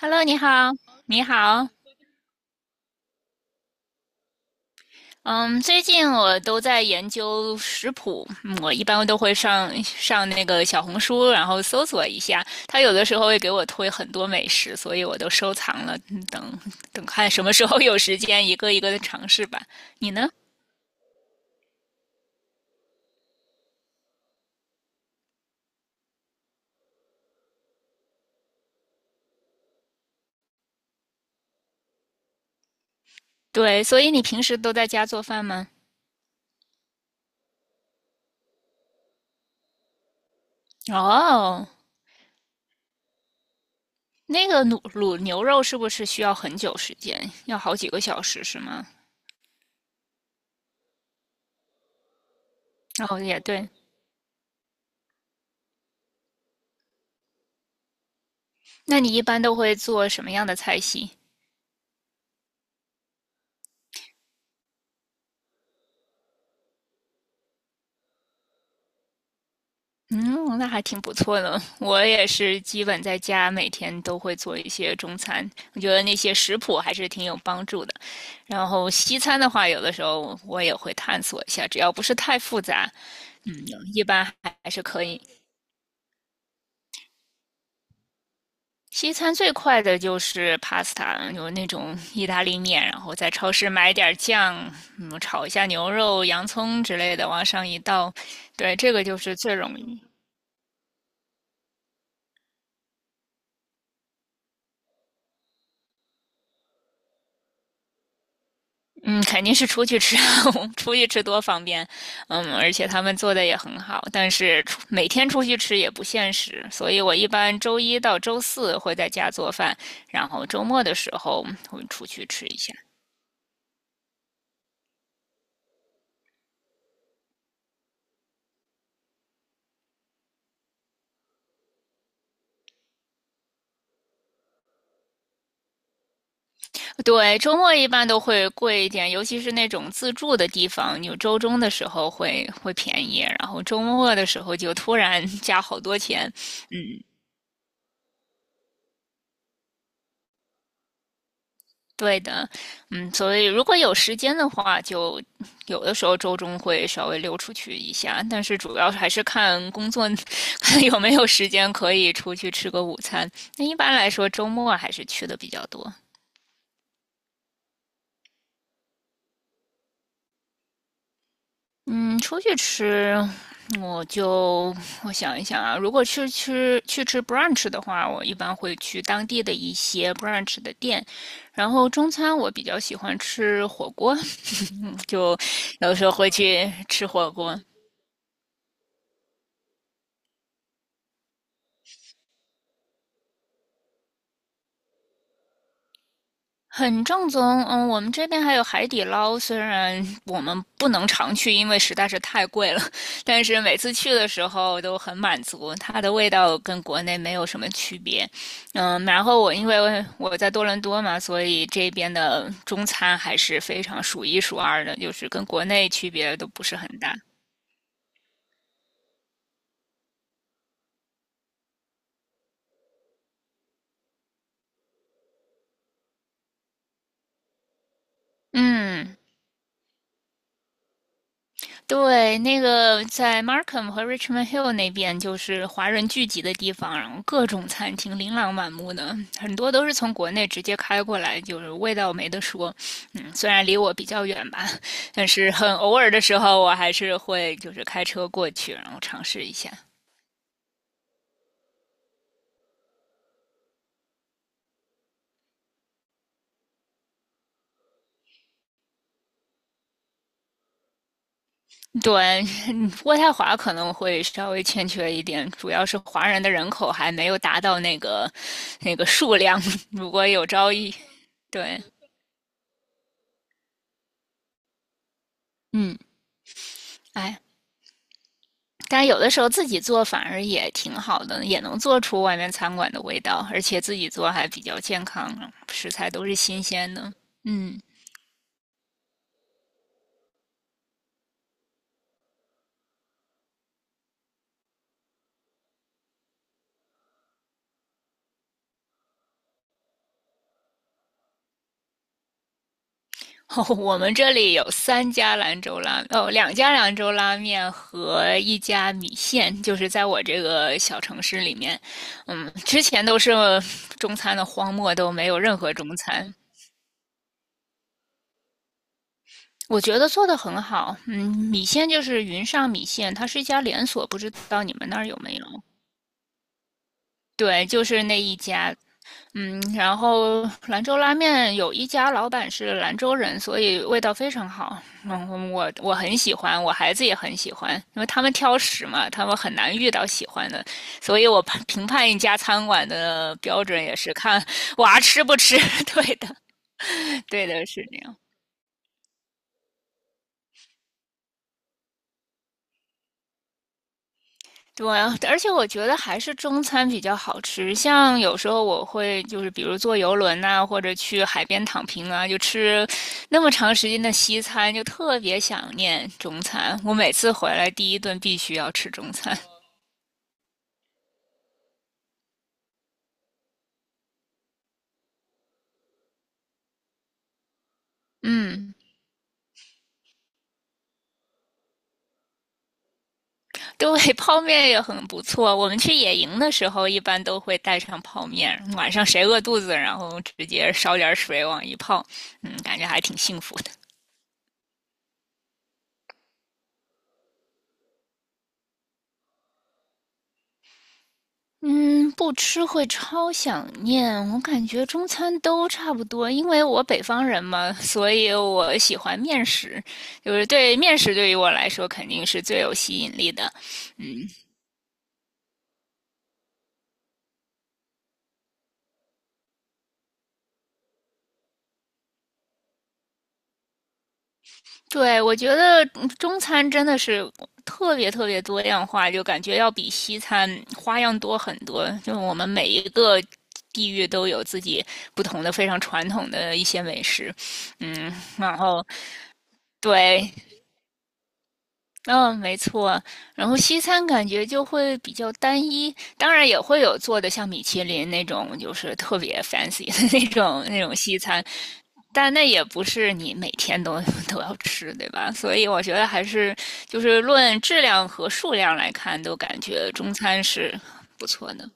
Hello，你好，你好。嗯，最近我都在研究食谱，嗯我一般都会上那个小红书，然后搜索一下。它有的时候会给我推很多美食，所以我都收藏了，嗯等等看什么时候有时间，一个一个的尝试吧。你呢？对，所以你平时都在家做饭吗？哦，那个卤牛肉是不是需要很久时间？要好几个小时是吗？哦，也对。那你一般都会做什么样的菜系？嗯，那还挺不错的。我也是基本在家每天都会做一些中餐，我觉得那些食谱还是挺有帮助的。然后西餐的话，有的时候我也会探索一下，只要不是太复杂，嗯，一般还是可以。西餐最快的就是 pasta，有那种意大利面，然后在超市买点儿酱，嗯，炒一下牛肉、洋葱之类的，往上一倒，对，这个就是最容易。嗯，肯定是出去吃，我们出去吃多方便。嗯，而且他们做的也很好，但是每天出去吃也不现实，所以我一般周一到周四会在家做饭，然后周末的时候会出去吃一下。对，周末一般都会贵一点，尤其是那种自助的地方，有周中的时候会便宜，然后周末的时候就突然 加好多钱。嗯，对的，嗯，所以如果有时间的话，就有的时候周中会稍微溜出去一下，但是主要还是看工作 看有没有时间可以出去吃个午餐。那一般来说，周末还是去的比较多。嗯，出去吃，我就我想一想啊，如果去吃 brunch 的话，我一般会去当地的一些 brunch 的店。然后中餐我比较喜欢吃火锅，就有时候会去吃火锅。很正宗，嗯，我们这边还有海底捞，虽然我们不能常去，因为实在是太贵了，但是每次去的时候都很满足，它的味道跟国内没有什么区别，嗯，然后我因为我在多伦多嘛，所以这边的中餐还是非常数一数二的，就是跟国内区别都不是很大，嗯。对，那个在 Markham 和 Richmond Hill 那边就是华人聚集的地方，然后各种餐厅琳琅满目的，很多都是从国内直接开过来，就是味道没得说。嗯，虽然离我比较远吧，但是很偶尔的时候，我还是会就是开车过去，然后尝试一下。对，嗯渥太华可能会稍微欠缺一点，主要是华人的人口还没有达到那个数量。如果有朝一，对，嗯，哎，但有的时候自己做反而也挺好的，也能做出外面餐馆的味道，而且自己做还比较健康啊，食材都是新鲜的。嗯，哦，我们这里有三家兰州拉，哦，两家兰州拉面和一家米线，就是在我这个小城市里面，嗯，之前都是中餐的荒漠，都没有任何中餐。我觉得做的很好，嗯，米线就是云上米线，它是一家连锁，不知道你们那儿有没有？对，就是那一家，嗯，然后兰州拉面有一家老板是兰州人，所以味道非常好。嗯，我很喜欢，我孩子也很喜欢，因为他们挑食嘛，他们很难遇到喜欢的，所以我评判一家餐馆的标准也是看娃吃不吃。对的，对的，是这样。对啊，而且我觉得还是中餐比较好吃。像有时候我会就是，比如坐游轮呐、或者去海边躺平啊，就吃那么长时间的西餐，就特别想念中餐。我每次回来第一顿必须要吃中餐。嗯，对，泡面也很不错。我们去野营的时候，一般都会带上泡面，晚上谁饿肚子，然后直接烧点水往一泡，嗯，感觉还挺幸福的。嗯，不吃会超想念。我感觉中餐都差不多，因为我北方人嘛，所以我喜欢面食，就是对面食对于我来说肯定是最有吸引力的。嗯，对，我觉得嗯中餐真的是特别特别多样化，就感觉要比西餐花样多很多。就是我们每一个地域都有自己不同的非常传统的一些美食，嗯，然后对，嗯，没错。然后西餐感觉就会比较单一，当然也会有做的像米其林那种，就是特别 fancy 的 那种西餐，但那也不是你每天都 都要吃，对吧？所以我觉得还是就是论质量和数量来看，都感觉中餐是不错的。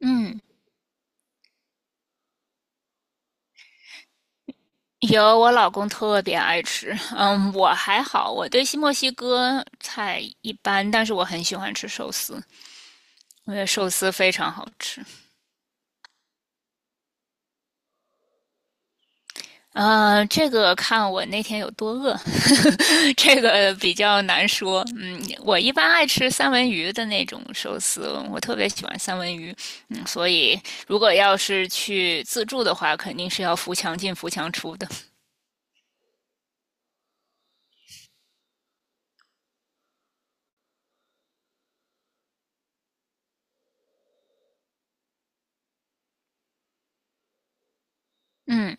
嗯，有，我老公特别爱吃。嗯，我还好，我对西墨西哥菜一般，但是我很喜欢吃寿司，因为寿司非常好吃。嗯，这个看我那天有多饿，这个比较难说。嗯，我一般爱吃三文鱼的那种寿司，我特别喜欢三文鱼。嗯，所以如果要是去自助的话，肯定是要扶墙进、扶墙出的。嗯，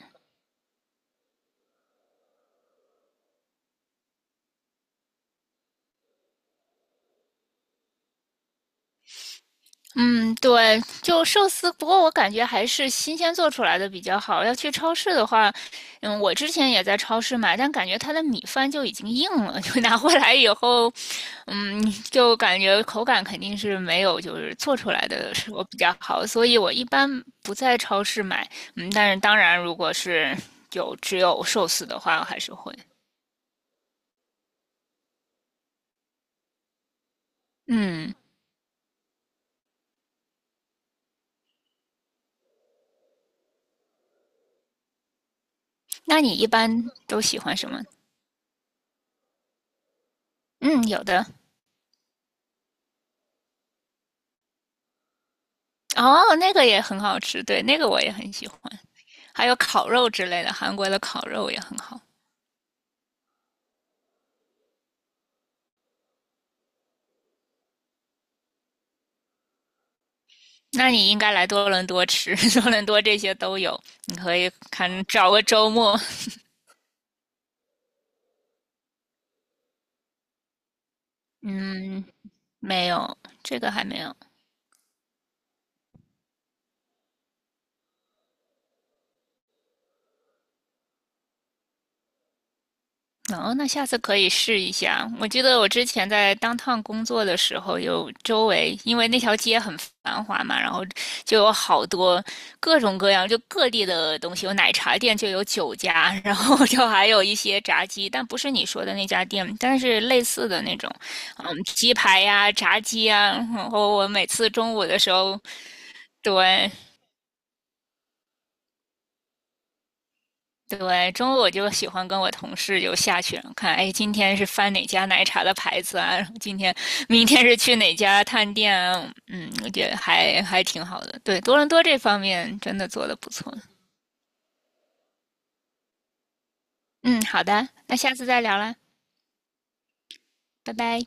嗯，对，就寿司，不过我感觉还是新鲜做出来的比较好。要去超市的话，嗯，我之前也在超市买，但感觉它的米饭就已经硬了，就拿回来以后，嗯，就感觉口感肯定是没有就是做出来的时候比较好，所以我一般不在超市买。嗯，但是当然，如果是有只有寿司的话，我还是会。嗯，那你一般都喜欢什么？嗯，有的。哦，那个也很好吃，对，那个我也很喜欢。还有烤肉之类的，韩国的烤肉也很好。那你应该来多伦多吃，多伦多这些都有。你可以看找个周末，嗯，没有，这个还没有。哦，那下次可以试一下。我记得我之前在当 o 工作的时候，有周围因为那条街很繁华嘛，然后就有好多各种各样就各地的东西，有奶茶店就有酒家，然后就还有一些炸鸡，但不是你说的那家店，但是类似的那种，嗯，鸡排呀、炸鸡啊。然后我每次中午的时候，对，对，中午我就喜欢跟我同事就下去看，哎，今天是翻哪家奶茶的牌子啊？然后今天、明天是去哪家探店啊？嗯，我觉得还挺好的。对，多伦多这方面真的做的不错。嗯，好的，那下次再聊啦，拜拜。